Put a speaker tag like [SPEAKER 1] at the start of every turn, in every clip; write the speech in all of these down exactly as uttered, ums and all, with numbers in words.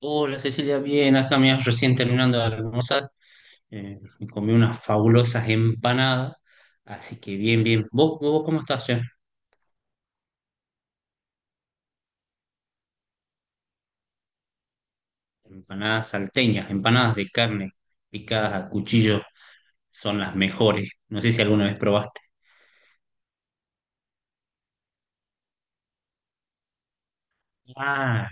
[SPEAKER 1] Hola Cecilia, bien, acá me recién terminando de almorzar, eh, me comí unas fabulosas empanadas, así que bien, bien. ¿Vos, vos cómo estás, che? Empanadas salteñas, empanadas de carne picadas a cuchillo son las mejores. No sé si alguna vez probaste. Ah,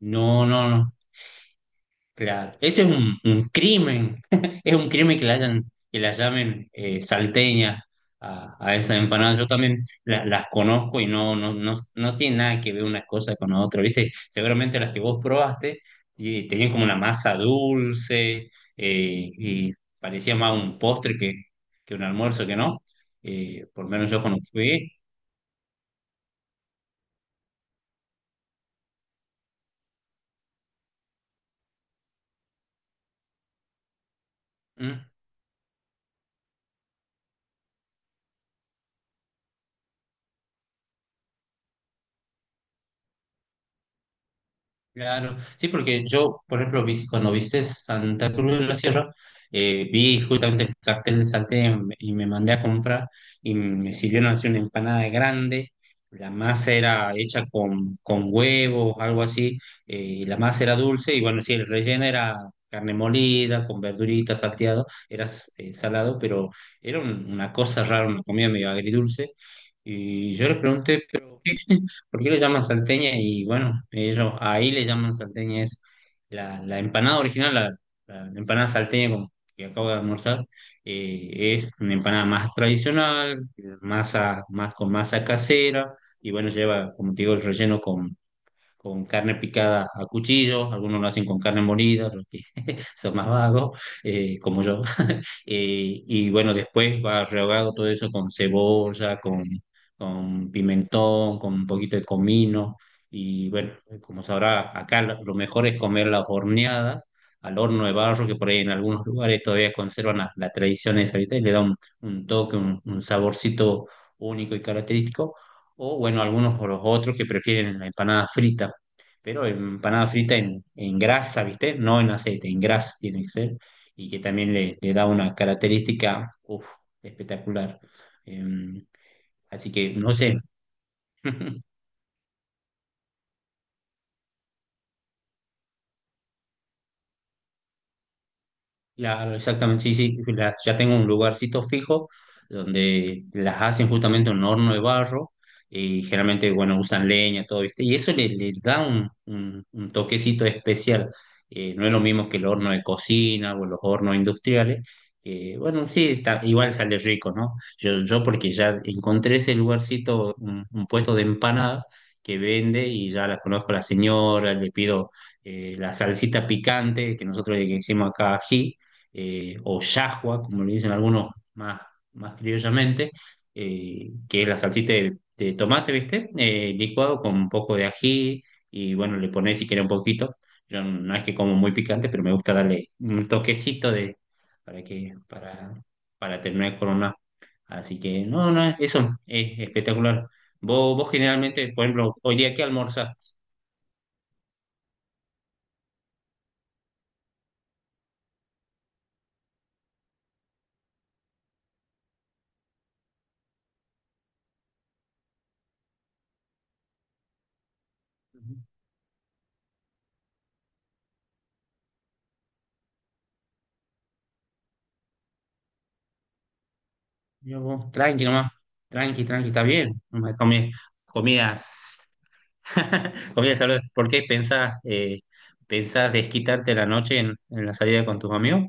[SPEAKER 1] no, no, no. Claro, ese es un, un crimen, es un crimen que la hayan, que la llamen eh, salteña a, a esa empanada. Yo también la- las conozco y no, no, no, no tiene nada que ver una cosa con la otra, ¿viste? Seguramente las que vos probaste y tenían como una masa dulce eh, y parecía más un postre que, que un almuerzo que no. Eh, por lo menos yo cuando fui. Claro, sí, porque yo, por ejemplo, vi cuando viste Santa Cruz de la Sierra, eh, vi justamente el cartel de Salté y me y me mandé a comprar y me sirvieron así una empanada grande. La masa era hecha con, con huevos, algo así, eh, y la masa era dulce y bueno, sí, el relleno era carne molida, con verduritas, salteado, era eh, salado, pero era un- una cosa rara, una comida medio agridulce. Y yo le pregunté, ¿por qué le llaman salteña? Y bueno, ellos ahí le llaman salteña, es la, la empanada original, la, la empanada salteña con- que acabo de almorzar, eh, es una empanada más tradicional, masa, más con masa casera, y bueno, lleva, como te digo, el relleno con carne picada a cuchillo, algunos lo hacen con carne molida, los que son más vagos, eh, como yo. Eh, y bueno, después va rehogado todo eso con cebolla, con, con pimentón, con un poquito de comino. Y bueno, como sabrá, acá lo lo mejor es comer las horneadas al horno de barro, que por ahí en algunos lugares todavía conservan la, la tradición esa, ¿viste? Y le da un, un toque, un un saborcito único y característico, o bueno, algunos o los otros que prefieren la empanada frita, pero empanada frita en, en grasa, ¿viste? No en aceite, en grasa tiene que ser, y que también le, le da una característica uf, espectacular. Em, Así que no sé. Claro, exactamente, sí, sí, la- ya tengo un lugarcito fijo donde las hacen justamente en un horno de barro y generalmente, bueno, usan leña, todo, ¿viste? Y eso le, le da un, un- un toquecito especial. Eh, no es lo mismo que el horno de cocina o los hornos industriales, que, bueno, sí, está- igual sale rico, ¿no? Yo, yo porque ya encontré ese lugarcito, un, un puesto de empanada que vende y ya la conozco a la señora, le pido eh, la salsita picante que nosotros le decimos acá ají, eh, o yahua, como le dicen algunos más, más criollamente, eh, que es la salsita de, de tomate, ¿viste? Eh, licuado con un poco de ají y bueno, le pones si quieres un poquito. Yo no es que como muy picante, pero me gusta darle un toquecito de, para que, para, para terminar con una. Así que no, no, eso es espectacular. Vos, vos generalmente, por ejemplo, hoy día, ¿qué almorzás? Yo, vos, tranqui nomás, tranqui, tranqui, está bien. No me comí comidas. Comidas saludables. ¿Por qué pensás, eh, pensás desquitarte la noche en, en la salida con tus amigos?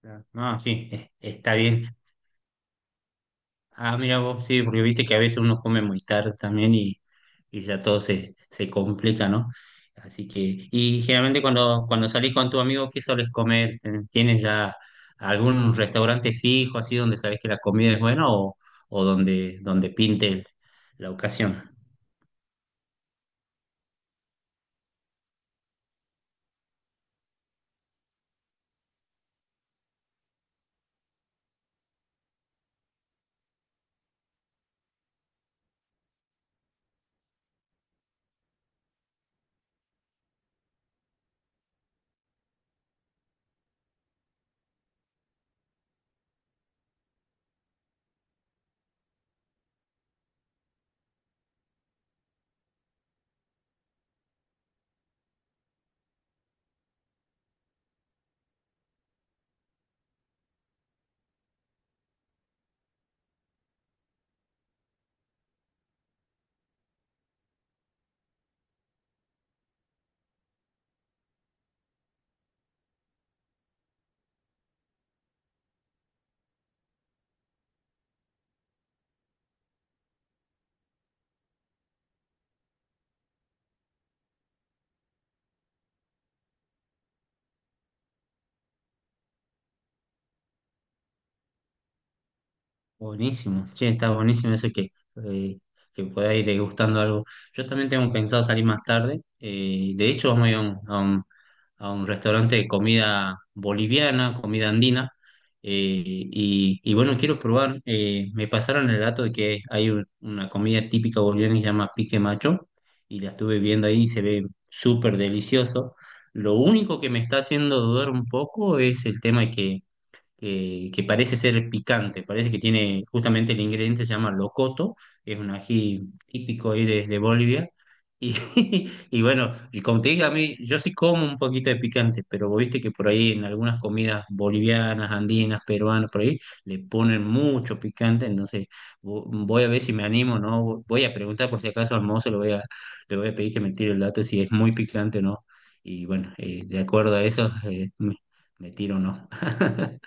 [SPEAKER 1] Claro. No, sí, es- está bien. Ah, mira vos, sí, porque viste que a veces uno come muy tarde también y, y ya todo se, se complica, ¿no? Así que, y generalmente cuando, cuando salís con tu amigo, ¿qué solés comer? ¿Tienes ya algún restaurante fijo así donde sabés que la comida es buena o, o donde, donde pinte la ocasión? Buenísimo, sí, está buenísimo eso que, eh, que pueda ir degustando algo. Yo también tengo pensado salir más tarde. Eh, de hecho, vamos a ir a un, a un- a un restaurante de comida boliviana, comida andina. eh, y, y bueno, quiero probar. Eh, me pasaron el dato de que hay un- una comida típica boliviana que se llama pique macho. Y la estuve viendo ahí y se ve súper delicioso. Lo único que me está haciendo dudar un poco es el tema de que que, que parece ser picante, parece que tiene justamente el ingrediente, se llama locoto, es un ají típico ahí de, de Bolivia. Y y bueno, y como te dije, a mí yo sí como un poquito de picante, pero vos viste que por ahí en algunas comidas bolivianas, andinas, peruanas, por ahí le ponen mucho picante, entonces vo- voy a ver si me animo, ¿no? Voy a preguntar por si acaso al mozo, le voy a, le voy a pedir que me tire el dato si es muy picante o no. Y bueno, eh, de acuerdo a eso, eh, me, me tiro o no.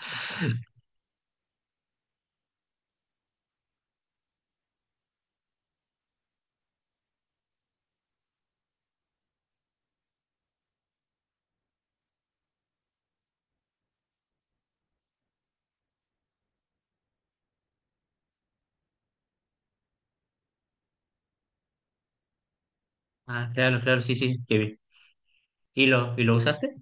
[SPEAKER 1] Ah, claro, claro, sí, sí, que vi. ¿Y lo, y lo usaste?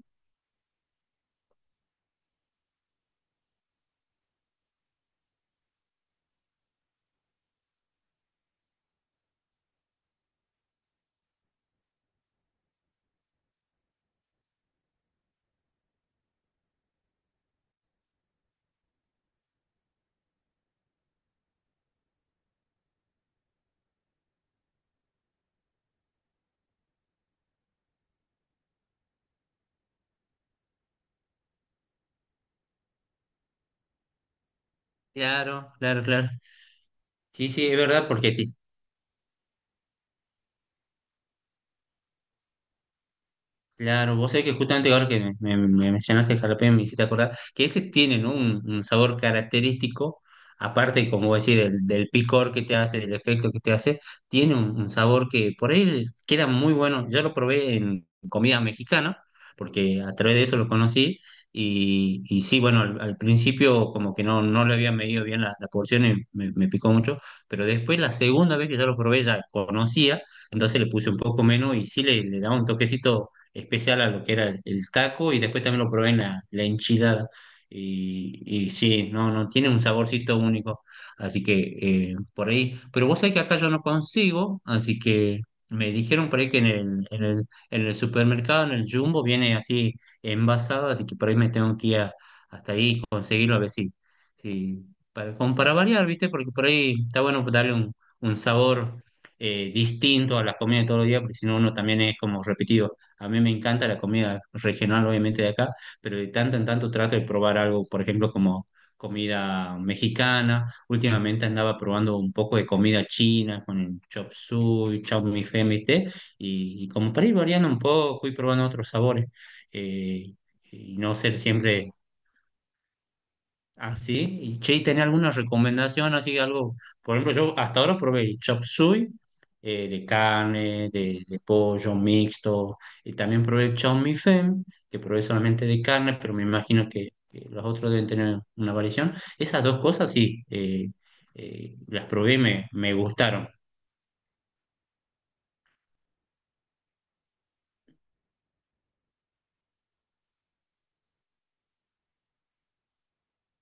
[SPEAKER 1] Claro, claro, claro. Sí, sí, es verdad, porque ti- claro, vos sabés que justamente ahora que me, me- me mencionaste el jalapeño, me hiciste acordar que ese tiene, ¿no?, un, un sabor característico, aparte, como vos decís, del, del picor que te hace, del efecto que te hace, tiene un, un sabor que por ahí queda muy bueno. Yo lo probé en comida mexicana, porque a través de eso lo conocí, y, y sí, bueno, al, al principio como que no, no le había medido bien la, la porción y me, me picó mucho, pero después la segunda vez que yo lo probé ya conocía, entonces le puse un poco menos y sí le, le daba un toquecito especial a lo que era el, el taco y después también lo probé en la, la enchilada. Y, y sí, no, no, tiene un saborcito único. Así que eh, por ahí, pero vos sabés que acá yo no consigo, así que me dijeron por ahí que en el, en el, en el supermercado, en el Jumbo, viene así envasado, así que por ahí me tengo que ir a- hasta ahí y conseguirlo a ver si, sí, para, como para variar, ¿viste? Porque por ahí está bueno darle un, un sabor eh, distinto a las comidas de todos los días, porque si no uno también es como repetido. A mí me encanta la comida regional, obviamente de acá, pero de tanto en tanto trato de probar algo, por ejemplo, como comida mexicana. Últimamente andaba probando un poco de comida china con el chop suey, chow meinfen, ¿viste? Y, y como para ir variando un poco, ir probando otros sabores. Eh, y no ser siempre. Ah, sí. Y che, ¿tenés alguna recomendación? Así algo, por ejemplo, yo hasta ahora probé chop suey eh, de carne, de, de pollo mixto, y también probé el chow mein fen, que probé solamente de carne, pero me imagino que, que los otros deben tener una variación. Esas dos cosas sí, eh, eh, las probé y me, me gustaron.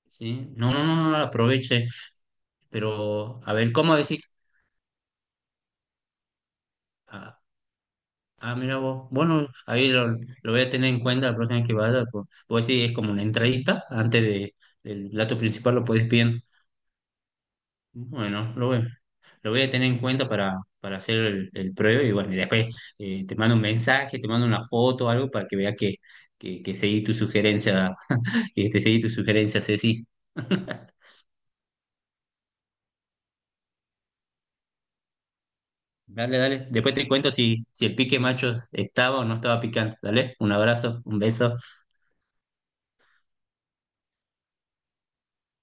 [SPEAKER 1] ¿Sí? No, no, no, no las aproveché, pero a ver, ¿cómo decís? Ah. Ah, mira vos. Bueno, ahí lo, lo voy a tener en cuenta la próxima vez que vaya. Pues, vos decís, es como una entradita antes de, del plato principal, lo puedes pedir. Bueno, lo voy, lo voy a tener en cuenta para, para hacer el, el pruebe. Y bueno, y después eh, te mando un mensaje, te mando una foto o algo para que veas que, que, que seguí tu sugerencia, que te seguí tu sugerencia, Ceci. Dale, dale. Después te cuento si, si el pique macho estaba o no estaba picante. Dale, un abrazo, un beso.